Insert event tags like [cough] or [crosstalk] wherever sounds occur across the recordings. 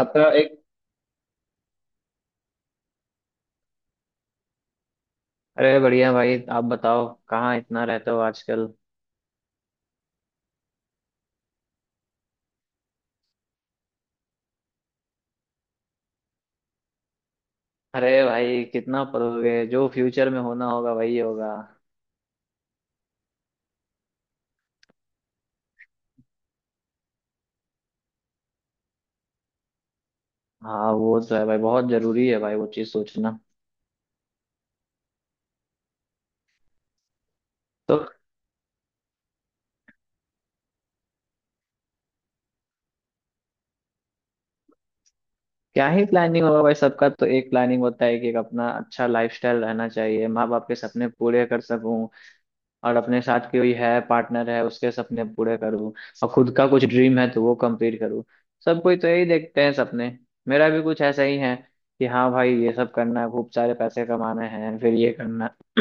आपका एक। अरे बढ़िया भाई, आप बताओ कहाँ इतना रहते हो आजकल। अरे भाई कितना पढ़ोगे, जो फ्यूचर में होना होगा वही होगा। हाँ वो तो है भाई, बहुत जरूरी है भाई वो चीज सोचना। तो क्या ही प्लानिंग होगा भाई, सबका तो एक प्लानिंग होता है कि एक अपना अच्छा लाइफस्टाइल रहना चाहिए, माँ बाप के सपने पूरे कर सकूं। और अपने साथ कोई है, पार्टनर है, उसके सपने पूरे करूँ। और खुद का कुछ ड्रीम है तो वो कंप्लीट करूँ। सब कोई तो यही देखते हैं सपने, मेरा भी कुछ ऐसा ही है कि हाँ भाई ये सब करना है, खूब सारे पैसे कमाने हैं, फिर ये करना। [clears throat]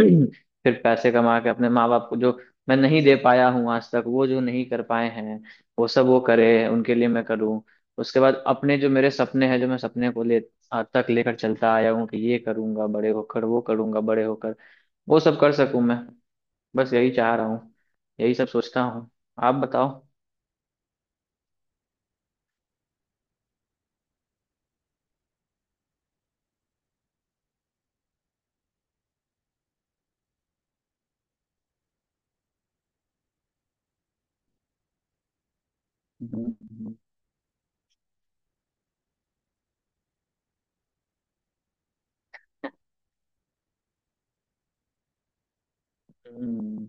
फिर पैसे कमा के अपने माँ बाप को जो मैं नहीं दे पाया हूँ आज तक, वो जो नहीं कर पाए हैं वो सब वो करे, उनके लिए मैं करूँ। उसके बाद अपने जो मेरे सपने हैं, जो मैं सपने को ले आज तक लेकर चलता आया हूँ कि ये करूंगा बड़े होकर, वो करूंगा बड़े होकर, वो सब कर सकूं मैं। बस यही चाह रहा हूँ, यही सब सोचता हूँ। आप बताओ। हम्म। हम्म।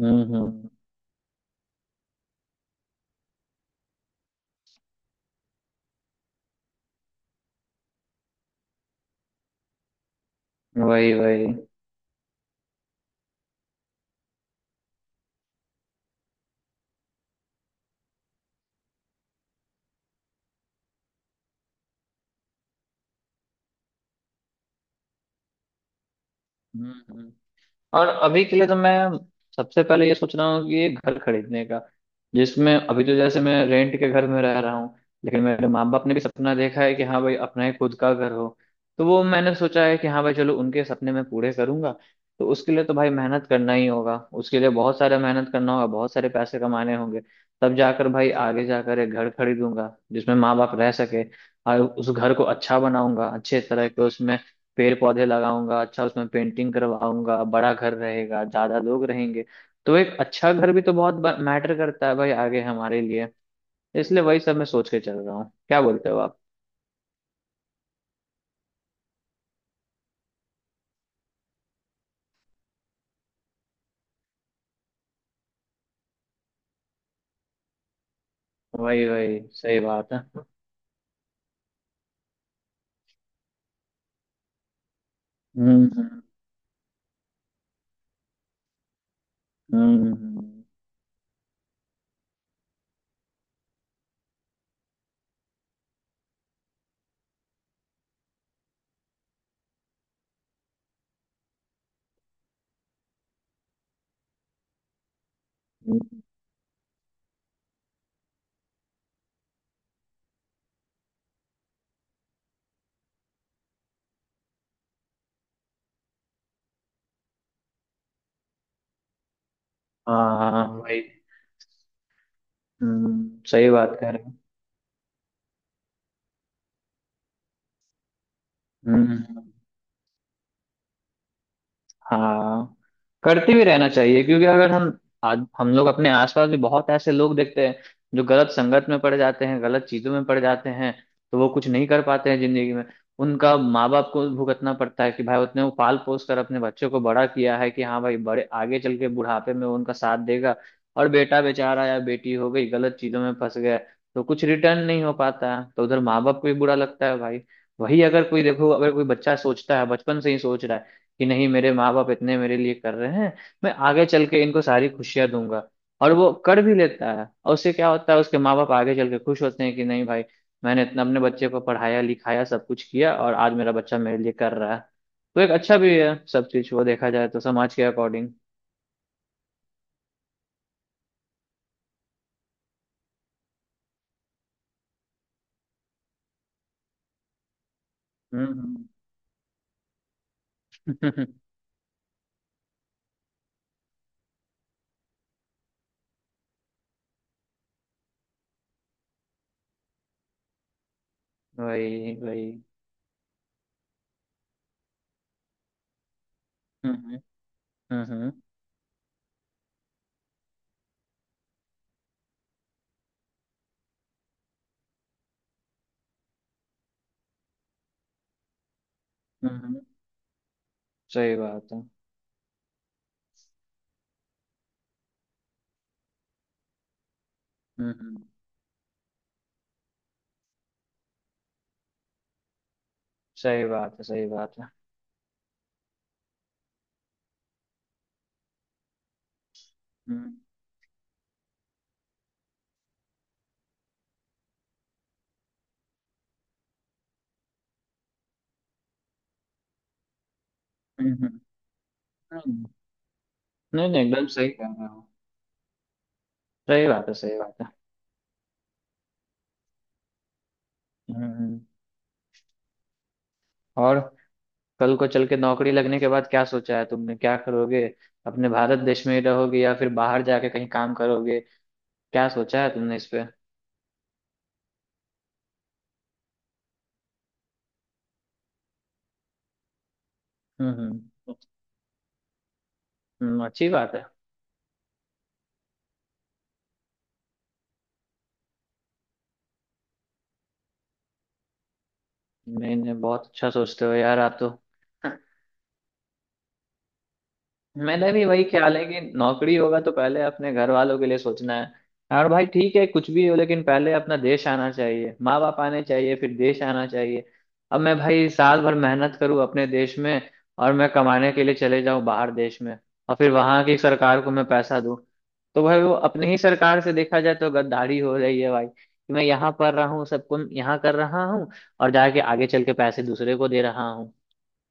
हम्म। वही वही। हम्म हम्म। और अभी के लिए तो मैं सबसे पहले ये सोच रहा हूँ कि ये घर खरीदने का, जिसमें अभी तो जैसे मैं रेंट के घर में रह रहा हूँ, लेकिन मेरे माँ बाप ने भी सपना देखा है कि हाँ भाई अपना ही खुद का घर हो। तो वो मैंने सोचा है कि हाँ भाई चलो, उनके सपने मैं पूरे करूंगा। तो उसके लिए तो भाई मेहनत करना ही होगा, उसके लिए बहुत सारा मेहनत करना होगा, बहुत सारे पैसे कमाने होंगे, तब जाकर भाई आगे जाकर एक घर खरीदूंगा जिसमें माँ बाप रह सके। और उस घर को अच्छा बनाऊंगा, अच्छे तरह के उसमें पेड़ पौधे लगाऊंगा, अच्छा उसमें पेंटिंग करवाऊंगा, बड़ा घर रहेगा, ज्यादा लोग रहेंगे। तो एक अच्छा घर भी तो बहुत मैटर करता है भाई आगे हमारे लिए। इसलिए वही सब मैं सोच के चल रहा हूँ। क्या बोलते हो आप। वही वही, सही बात है। हम्म। हम्म, हम्म, हम्म। हाँ हाँ वही। हम्म, सही बात कह रहे हो। हम्म हम्म। हाँ, करते भी रहना चाहिए, क्योंकि अगर हम आज हम लोग अपने आसपास भी बहुत ऐसे लोग देखते हैं जो गलत संगत में पड़ जाते हैं, गलत चीजों में पड़ जाते हैं, तो वो कुछ नहीं कर पाते हैं जिंदगी में। उनका माँ बाप को भुगतना पड़ता है कि भाई उतने वो पाल पोस कर अपने बच्चों को बड़ा किया है कि हाँ भाई बड़े आगे चल के बुढ़ापे में वो उनका साथ देगा, और बेटा बेचारा या बेटी हो गई गलत चीजों में फंस गया, तो कुछ रिटर्न नहीं हो पाता है, तो उधर माँ बाप को भी बुरा लगता है भाई। वही अगर कोई देखो, अगर कोई बच्चा सोचता है बचपन से ही सोच रहा है कि नहीं मेरे माँ बाप इतने मेरे लिए कर रहे हैं, मैं आगे चल के इनको सारी खुशियां दूंगा, और वो कर भी लेता है, और उससे क्या होता है उसके माँ बाप आगे चल के खुश होते हैं कि नहीं भाई मैंने इतना अपने बच्चे को पढ़ाया लिखाया सब कुछ किया और आज मेरा बच्चा मेरे लिए कर रहा है। तो एक अच्छा भी है सब चीज वो, देखा जाए तो समाज के अकॉर्डिंग। हम्म हम्म। [laughs] वही वही। हम्म, हम्म हम्म हम्म। सही बात है। हम्म, सही बात है, सही बात है। हम्म हम्म हम्म। नहीं नहीं, एकदम सही कह रहे हो। सही बात है, सही बात है। हम्म। और कल को चल के नौकरी लगने के बाद क्या सोचा है तुमने, क्या करोगे? अपने भारत देश में ही रहोगे या फिर बाहर जाके कहीं काम करोगे? क्या सोचा है तुमने इस पे? हम्म। अच्छी बात है। नहीं नहीं, बहुत अच्छा सोचते हो यार आप तो। मेरा भी वही ख्याल है कि नौकरी होगा तो पहले अपने घर वालों के लिए सोचना है, और भाई ठीक है कुछ भी हो, लेकिन पहले अपना देश आना चाहिए, माँ बाप आने चाहिए, फिर देश आना चाहिए। अब मैं भाई साल भर मेहनत करूँ अपने देश में, और मैं कमाने के लिए चले जाऊँ बाहर देश में, और फिर वहां की सरकार को मैं पैसा दूँ, तो भाई वो अपनी ही सरकार से देखा जाए तो गद्दारी हो रही है भाई, कि मैं यहाँ पढ़ रहा हूँ, सबको यहाँ कर रहा हूँ, और जाके आगे चल के पैसे दूसरे को दे रहा हूँ।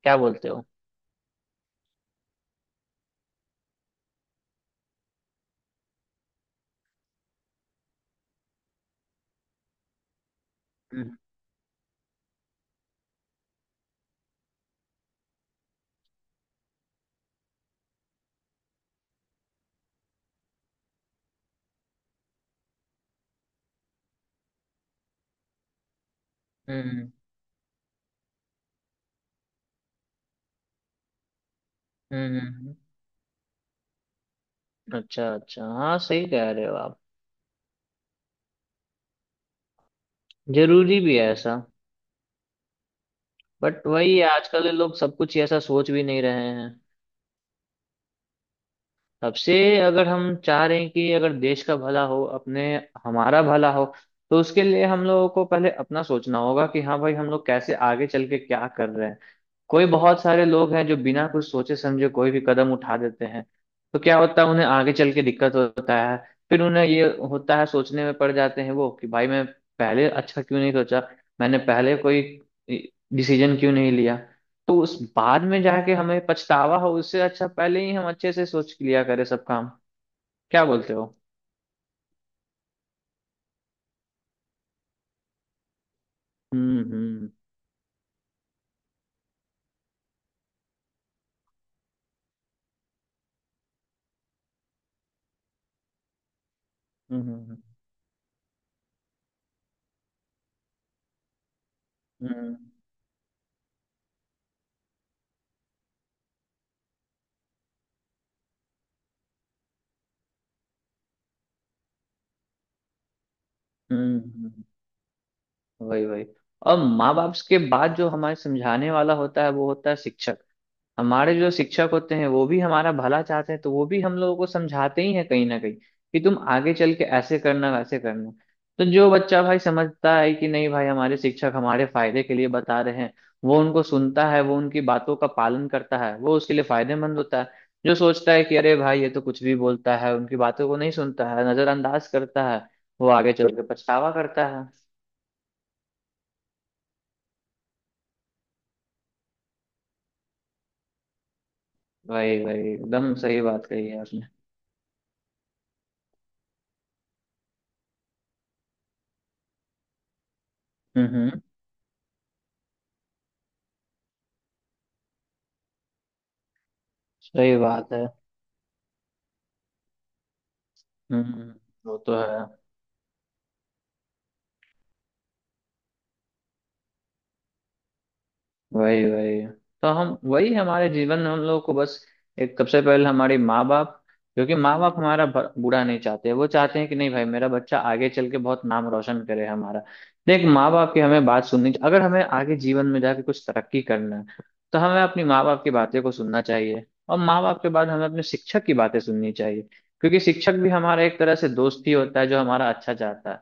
क्या बोलते हो? हम्म हम्म। हम्म, अच्छा अच्छा, हाँ सही कह रहे हो आप। जरूरी भी है ऐसा। बट वही है, आजकल ये लोग सब कुछ ही ऐसा सोच भी नहीं रहे हैं। सबसे, अगर हम चाह रहे हैं कि अगर देश का भला हो, अपने हमारा भला हो, तो उसके लिए हम लोगों को पहले अपना सोचना होगा कि हाँ भाई हम लोग कैसे आगे चल के क्या कर रहे हैं। कोई बहुत सारे लोग हैं जो बिना कुछ सोचे समझे कोई भी कदम उठा देते हैं, तो क्या होता है उन्हें आगे चल के दिक्कत होता है, फिर उन्हें ये होता है सोचने में पड़ जाते हैं वो कि भाई मैं पहले अच्छा क्यों नहीं सोचा, मैंने पहले कोई डिसीजन क्यों नहीं लिया। तो उस बाद में जाके हमें पछतावा हो, उससे अच्छा पहले ही हम अच्छे से सोच लिया करें सब काम। क्या बोलते हो? हम्म। हम्म हम्म। हम्म। वही वही। और माँ बाप के बाद जो हमारे समझाने वाला होता है वो होता है शिक्षक। हमारे जो शिक्षक होते हैं वो भी हमारा भला चाहते हैं, तो वो भी हम लोगों को समझाते ही हैं कहीं ना कहीं कि तुम आगे चल के ऐसे करना, वैसे करना। तो जो बच्चा भाई समझता है कि नहीं भाई हमारे शिक्षक हमारे फायदे के लिए बता रहे हैं, वो उनको सुनता है, वो उनकी बातों का पालन करता है, वो उसके लिए फायदेमंद होता है। जो सोचता है कि अरे भाई ये तो कुछ भी बोलता है, उनकी बातों को नहीं सुनता है, नजरअंदाज करता है, वो आगे चल के पछतावा करता है। वही वही, एकदम सही बात कही है आपने। हम्म, सही बात है। हम्म, वो तो है। वही वही, तो हम वही हमारे जीवन में हम लोगों को बस एक सबसे पहले हमारे माँ बाप, क्योंकि माँ बाप हमारा बुरा नहीं चाहते, वो चाहते हैं कि नहीं भाई मेरा बच्चा आगे चल के बहुत नाम रोशन करे हमारा। देख माँ बाप की हमें बात सुननी, अगर हमें आगे जीवन में जाके कुछ तरक्की करना है, तो हमें अपनी माँ बाप की बातें को सुनना चाहिए। और माँ बाप के बाद हमें अपने शिक्षक की बातें सुननी चाहिए, क्योंकि शिक्षक भी हमारा एक तरह से दोस्त ही होता है जो हमारा अच्छा चाहता है,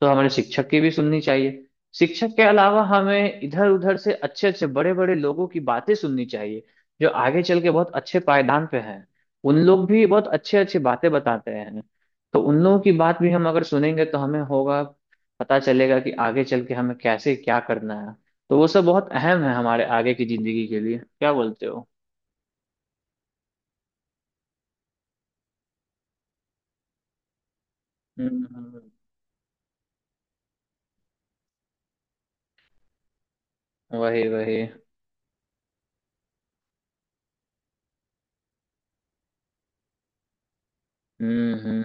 तो हमारे शिक्षक की भी सुननी चाहिए। शिक्षक के अलावा हमें इधर उधर से अच्छे अच्छे बड़े बड़े लोगों की बातें सुननी चाहिए, जो आगे चल के बहुत अच्छे पायदान पे हैं, उन लोग भी बहुत अच्छे अच्छे बातें बताते हैं, तो उन लोगों की बात भी हम अगर सुनेंगे तो हमें होगा, पता चलेगा कि आगे चल के हमें कैसे क्या करना है। तो वो सब बहुत अहम है हमारे आगे की जिंदगी के लिए। क्या बोलते हो? हम्म हम्म, वही वही। हम्म।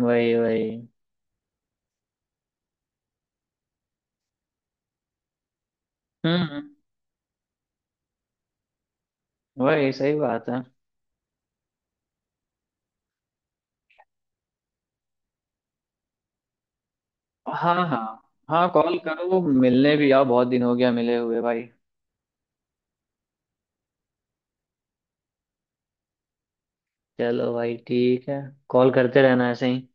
वही वही। हम्म हम्म, वही सही बात है। हाँ हाँ। हाँ कॉल करो, मिलने भी आओ, बहुत दिन हो गया मिले हुए भाई। चलो भाई ठीक है, कॉल करते रहना ऐसे ही।